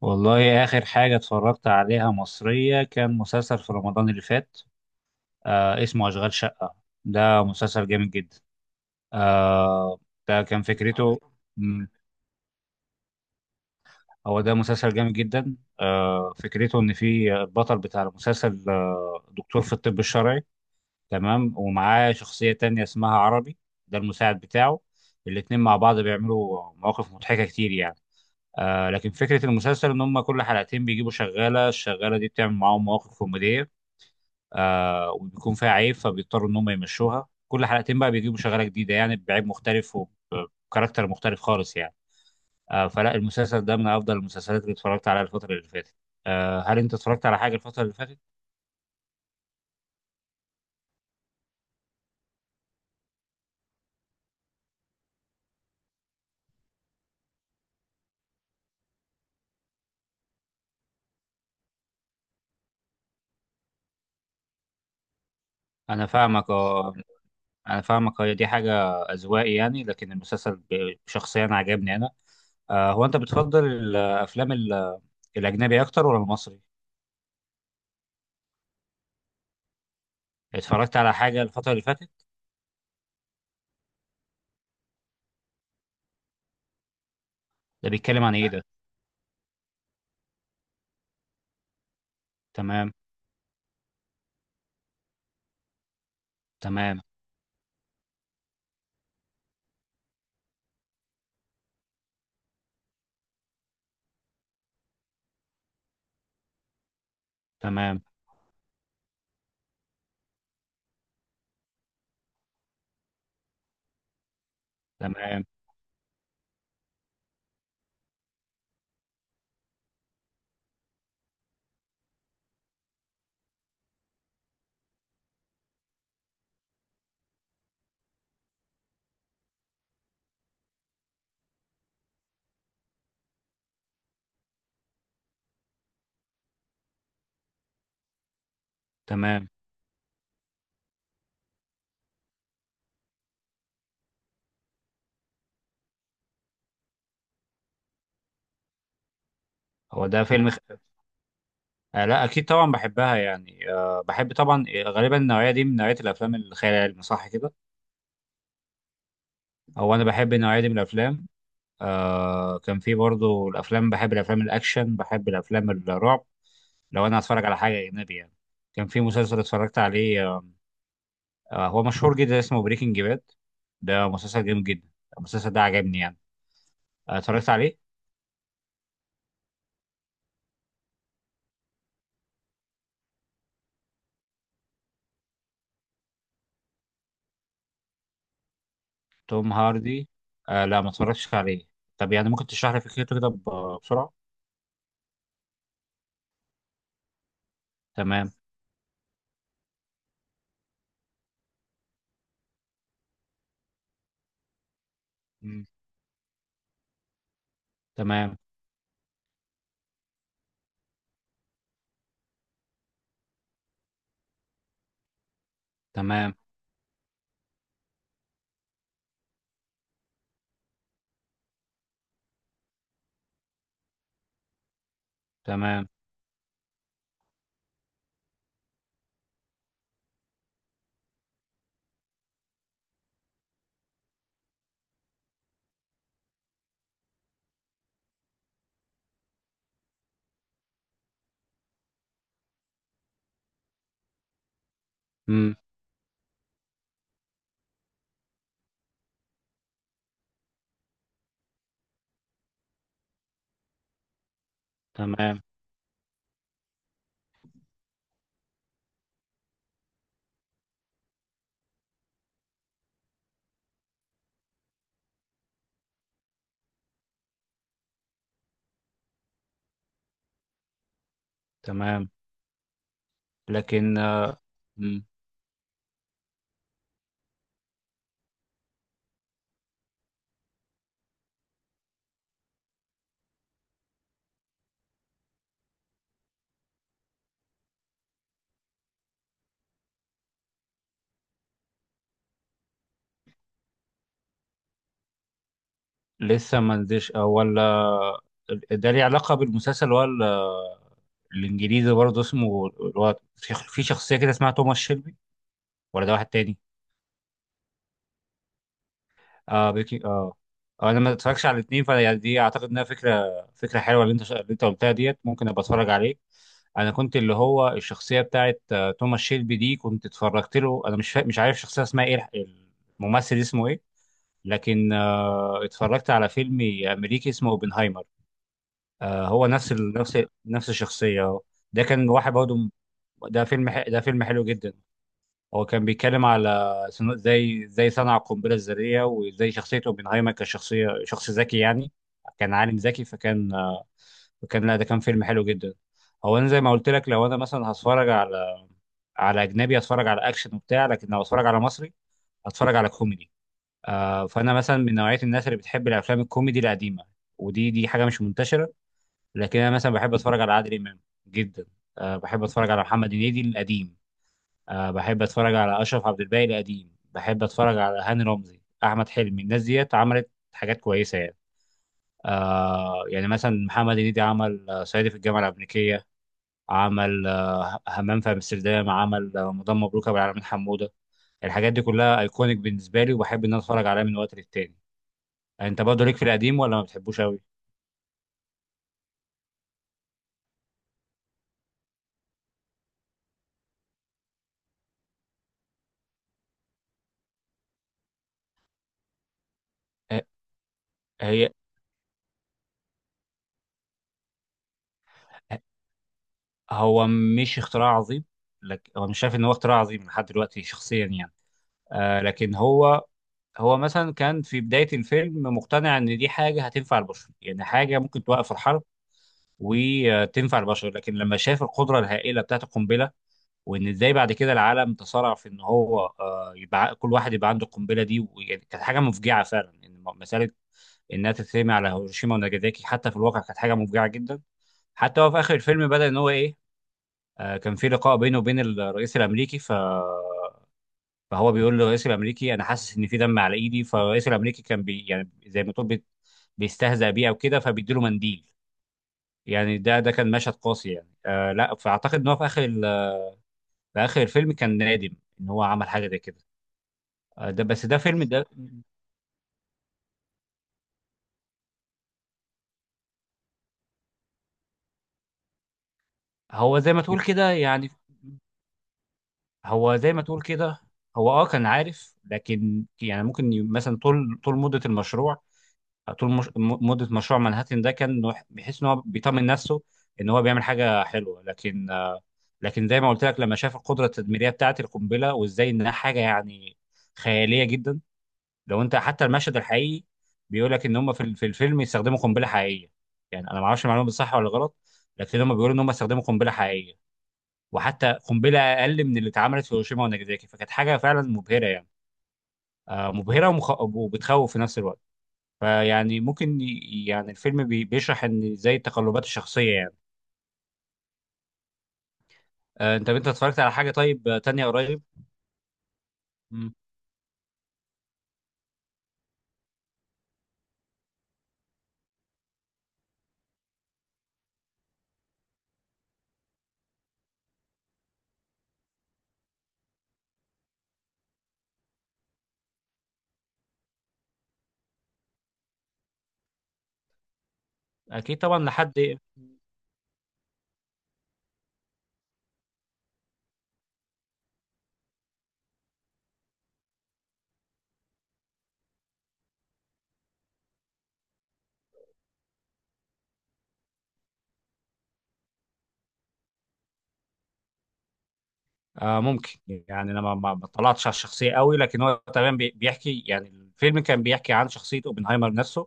والله آخر حاجة اتفرجت عليها مصرية كان مسلسل في رمضان اللي فات. آه، اسمه أشغال شقة. ده مسلسل جامد جدا. آه، ده كان فكرته. مم، هو ده مسلسل جامد جدا. آه، فكرته إن في البطل بتاع المسلسل دكتور في الطب الشرعي. تمام، ومعاه شخصية تانية اسمها عربي، ده المساعد بتاعه. الاتنين مع بعض بيعملوا مواقف مضحكة كتير، يعني آه، لكن فكرة المسلسل إن هما كل حلقتين بيجيبوا شغالة. الشغالة دي بتعمل معاهم مواقف كوميدية، آه، وبيكون فيها عيب، فبيضطروا ان هم يمشوها. كل حلقتين بقى بيجيبوا شغاله جديده، يعني بعيب مختلف وكاركتر مختلف خالص، يعني آه، فلا المسلسل ده من افضل المسلسلات اللي اتفرجت عليها الفتره اللي فاتت. آه، هل انت اتفرجت على حاجه الفتره اللي فاتت؟ انا فاهمك، اه انا فاهمك، هي دي حاجه اذواقي يعني، لكن المسلسل شخصيا عجبني انا. آه، هو انت بتفضل الافلام الاجنبي اكتر ولا المصري؟ اتفرجت على حاجه الفتره اللي فاتت؟ ده بيتكلم عن ايه ده؟ تمام. تمام. تمام. تمام. تمام. هو ده آه لا اكيد طبعا بحبها، يعني آه بحب طبعا، غالبا النوعيه دي من نوعيه الافلام الخيال العلمي، صح كده؟ هو انا بحب النوعيه دي من الافلام. آه، كان في برضو الافلام، بحب الافلام الاكشن، بحب الافلام الرعب لو انا هتفرج على حاجه اجنبي، يعني كان في مسلسل اتفرجت عليه آه، هو مشهور جدا، اسمه بريكنج باد. ده مسلسل جامد جدا، المسلسل ده عجبني يعني. آه، اتفرجت عليه. توم هاردي؟ آه لا، ما اتفرجتش عليه. طب يعني ممكن تشرح لي فكرته كده بسرعه؟ تمام. مم. تمام. تمام. تمام. مم. تمام. تمام. لكن آه، مم. لسه ما نزلش آه، ولا آه، ده ليه علاقة بالمسلسل ولا الإنجليزي برضه؟ اسمه الواد في شخصية كده اسمها توماس شيلبي، ولا ده واحد تاني؟ اه بيكي، اه. آه، انا ما اتفرجش على الاثنين، فانا يعني دي اعتقد انها فكره، فكره حلوه اللي انت قلتها ديت، ممكن ابقى اتفرج عليه. انا كنت اللي هو الشخصيه بتاعت آه، توماس شيلبي دي كنت اتفرجت له، انا مش عارف الشخصيه اسمها ايه، الممثل اسمه ايه. لكن اتفرجت على فيلم امريكي اسمه اوبنهايمر. آه، هو نفس نفس الشخصيه. ده كان واحد برضه ده ده فيلم حلو جدا. هو كان بيتكلم على زي زي صنع القنبله الذريه، وزي شخصيه اوبنهايمر كشخصيه شخص ذكي يعني، كان عالم ذكي، فكان آه، فكان لا، ده كان فيلم حلو جدا. هو انا زي ما قلت لك، لو انا مثلا هتفرج على على اجنبي هتفرج على اكشن وبتاع، لكن لو هتفرج على مصري هتفرج على كوميدي. آه، فانا مثلا من نوعيه الناس اللي بتحب الافلام الكوميدي القديمه، ودي حاجه مش منتشره. لكن انا مثلا بحب اتفرج على عادل امام جدا. أه، بحب اتفرج على محمد هنيدي القديم. أه، بحب اتفرج على اشرف عبد الباقي القديم، بحب اتفرج على هاني رمزي، احمد حلمي. الناس ديت عملت حاجات كويسه يعني. أه، يعني مثلا محمد هنيدي عمل آه، صعيدي في الجامعه الامريكيه، عمل آه، همام في امستردام، عمل آه، مدام مبروك ابو العلمين حموده. الحاجات دي كلها ايكونيك بالنسبه لي، وبحب ان انا اتفرج عليها من وقت للتاني. انت برضه ليك في القديم ولا ما بتحبوش قوي؟ ه- هي، ه- هو مش اختراع عظيم. لك هو مش شايف ان هو اختراع عظيم لحد دلوقتي شخصيا يعني. آه، لكن هو هو مثلا كان في بداية الفيلم مقتنع ان دي حاجة هتنفع البشر، يعني حاجة ممكن توقف الحرب وتنفع البشر. لكن لما شاف القدرة الهائلة بتاعت القنبلة، وان ازاي بعد كده العالم تصارع في ان هو آه يبقى كل واحد يبقى عنده القنبلة دي، ويعني كانت حاجة مفجعة فعلا، ان مسألة انها تترمي على هيروشيما وناجازاكي حتى في الواقع كانت حاجة مفجعة جدا. حتى هو في اخر الفيلم بدا ان هو ايه، آه، كان في لقاء بينه وبين الرئيس الامريكي، فهو بيقول للرئيس الامريكي انا حاسس ان في دم على ايدي، فالرئيس الامريكي كان بي، يعني زي ما تقول بيستهزأ بيه او كده، فبيديله منديل. يعني ده كان مشهد قاسي، يعني آه لا، فاعتقد ان هو في في اخر الفيلم كان نادم ان هو عمل حاجه زي كده. آه، ده بس فيلم ده، هو زي ما تقول كده يعني، هو زي ما تقول كده. هو اه كان عارف، لكن يعني ممكن مثلا طول مده المشروع، طول مش... م- مده مشروع مانهاتن، ده كان إنه بيحس ان هو بيطمن نفسه ان هو بيعمل حاجه حلوه. لكن زي ما قلت لك، لما شاف القدره التدميريه بتاعه القنبله، وازاي انها حاجه يعني خياليه جدا. لو انت حتى المشهد الحقيقي بيقول لك ان هم في في الفيلم يستخدموا قنبله حقيقيه، يعني انا ما اعرفش المعلومه دي صح ولا غلط، لكن هم بيقولوا ان هم استخدموا قنبله حقيقيه، وحتى قنبله اقل من اللي اتعملت في هيروشيما وناجازاكي، فكانت حاجه فعلا مبهره، يعني آه، مبهره وبتخوف في نفس الوقت. فيعني ممكن يعني الفيلم بيشرح ان زي التقلبات الشخصيه يعني. آه، انت اتفرجت على حاجه طيب آه، تانية قريب؟ مم. اكيد طبعا لحد. آه، ممكن يعني انا ما اطلعتش على الشخصيه قوي، لكن هو تمام بيحكي، يعني الفيلم كان بيحكي عن شخصيه اوبنهايمر نفسه.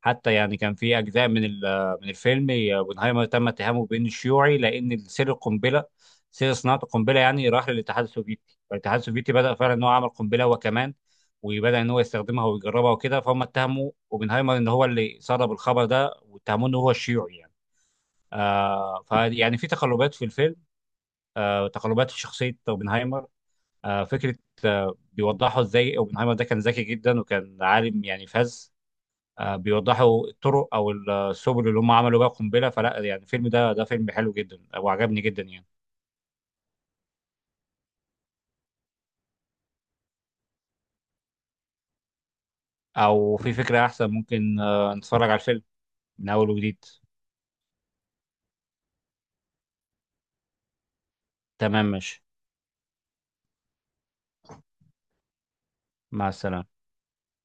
حتى يعني كان في اجزاء من الفيلم، اوبنهايمر تم اتهامه بانه شيوعي، لان سر القنبله، سر صناعه القنبله يعني راح للاتحاد السوفيتي، فالاتحاد السوفيتي بدا فعلا ان هو عمل قنبله هو كمان، وبدا ان هو يستخدمها ويجربها وكده، فهم اتهموا اوبنهايمر ان هو اللي سرب الخبر ده، واتهموه ان هو الشيوعي يعني. آه، فيعني في تقلبات في الفيلم، آه تقلبات في شخصيه اوبنهايمر. آه، فكره، آه، بيوضحوا ازاي اوبنهايمر ده كان ذكي جدا، وكان عالم يعني فذ. آه، بيوضحوا الطرق او السبل اللي هم عملوا بيها القنبله. فلا يعني الفيلم ده، ده فيلم حلو جدا وعجبني جدا يعني. او في فكره احسن، ممكن آه، نتفرج على الفيلم من اول وجديد. تمام ماشي. مع السلامه.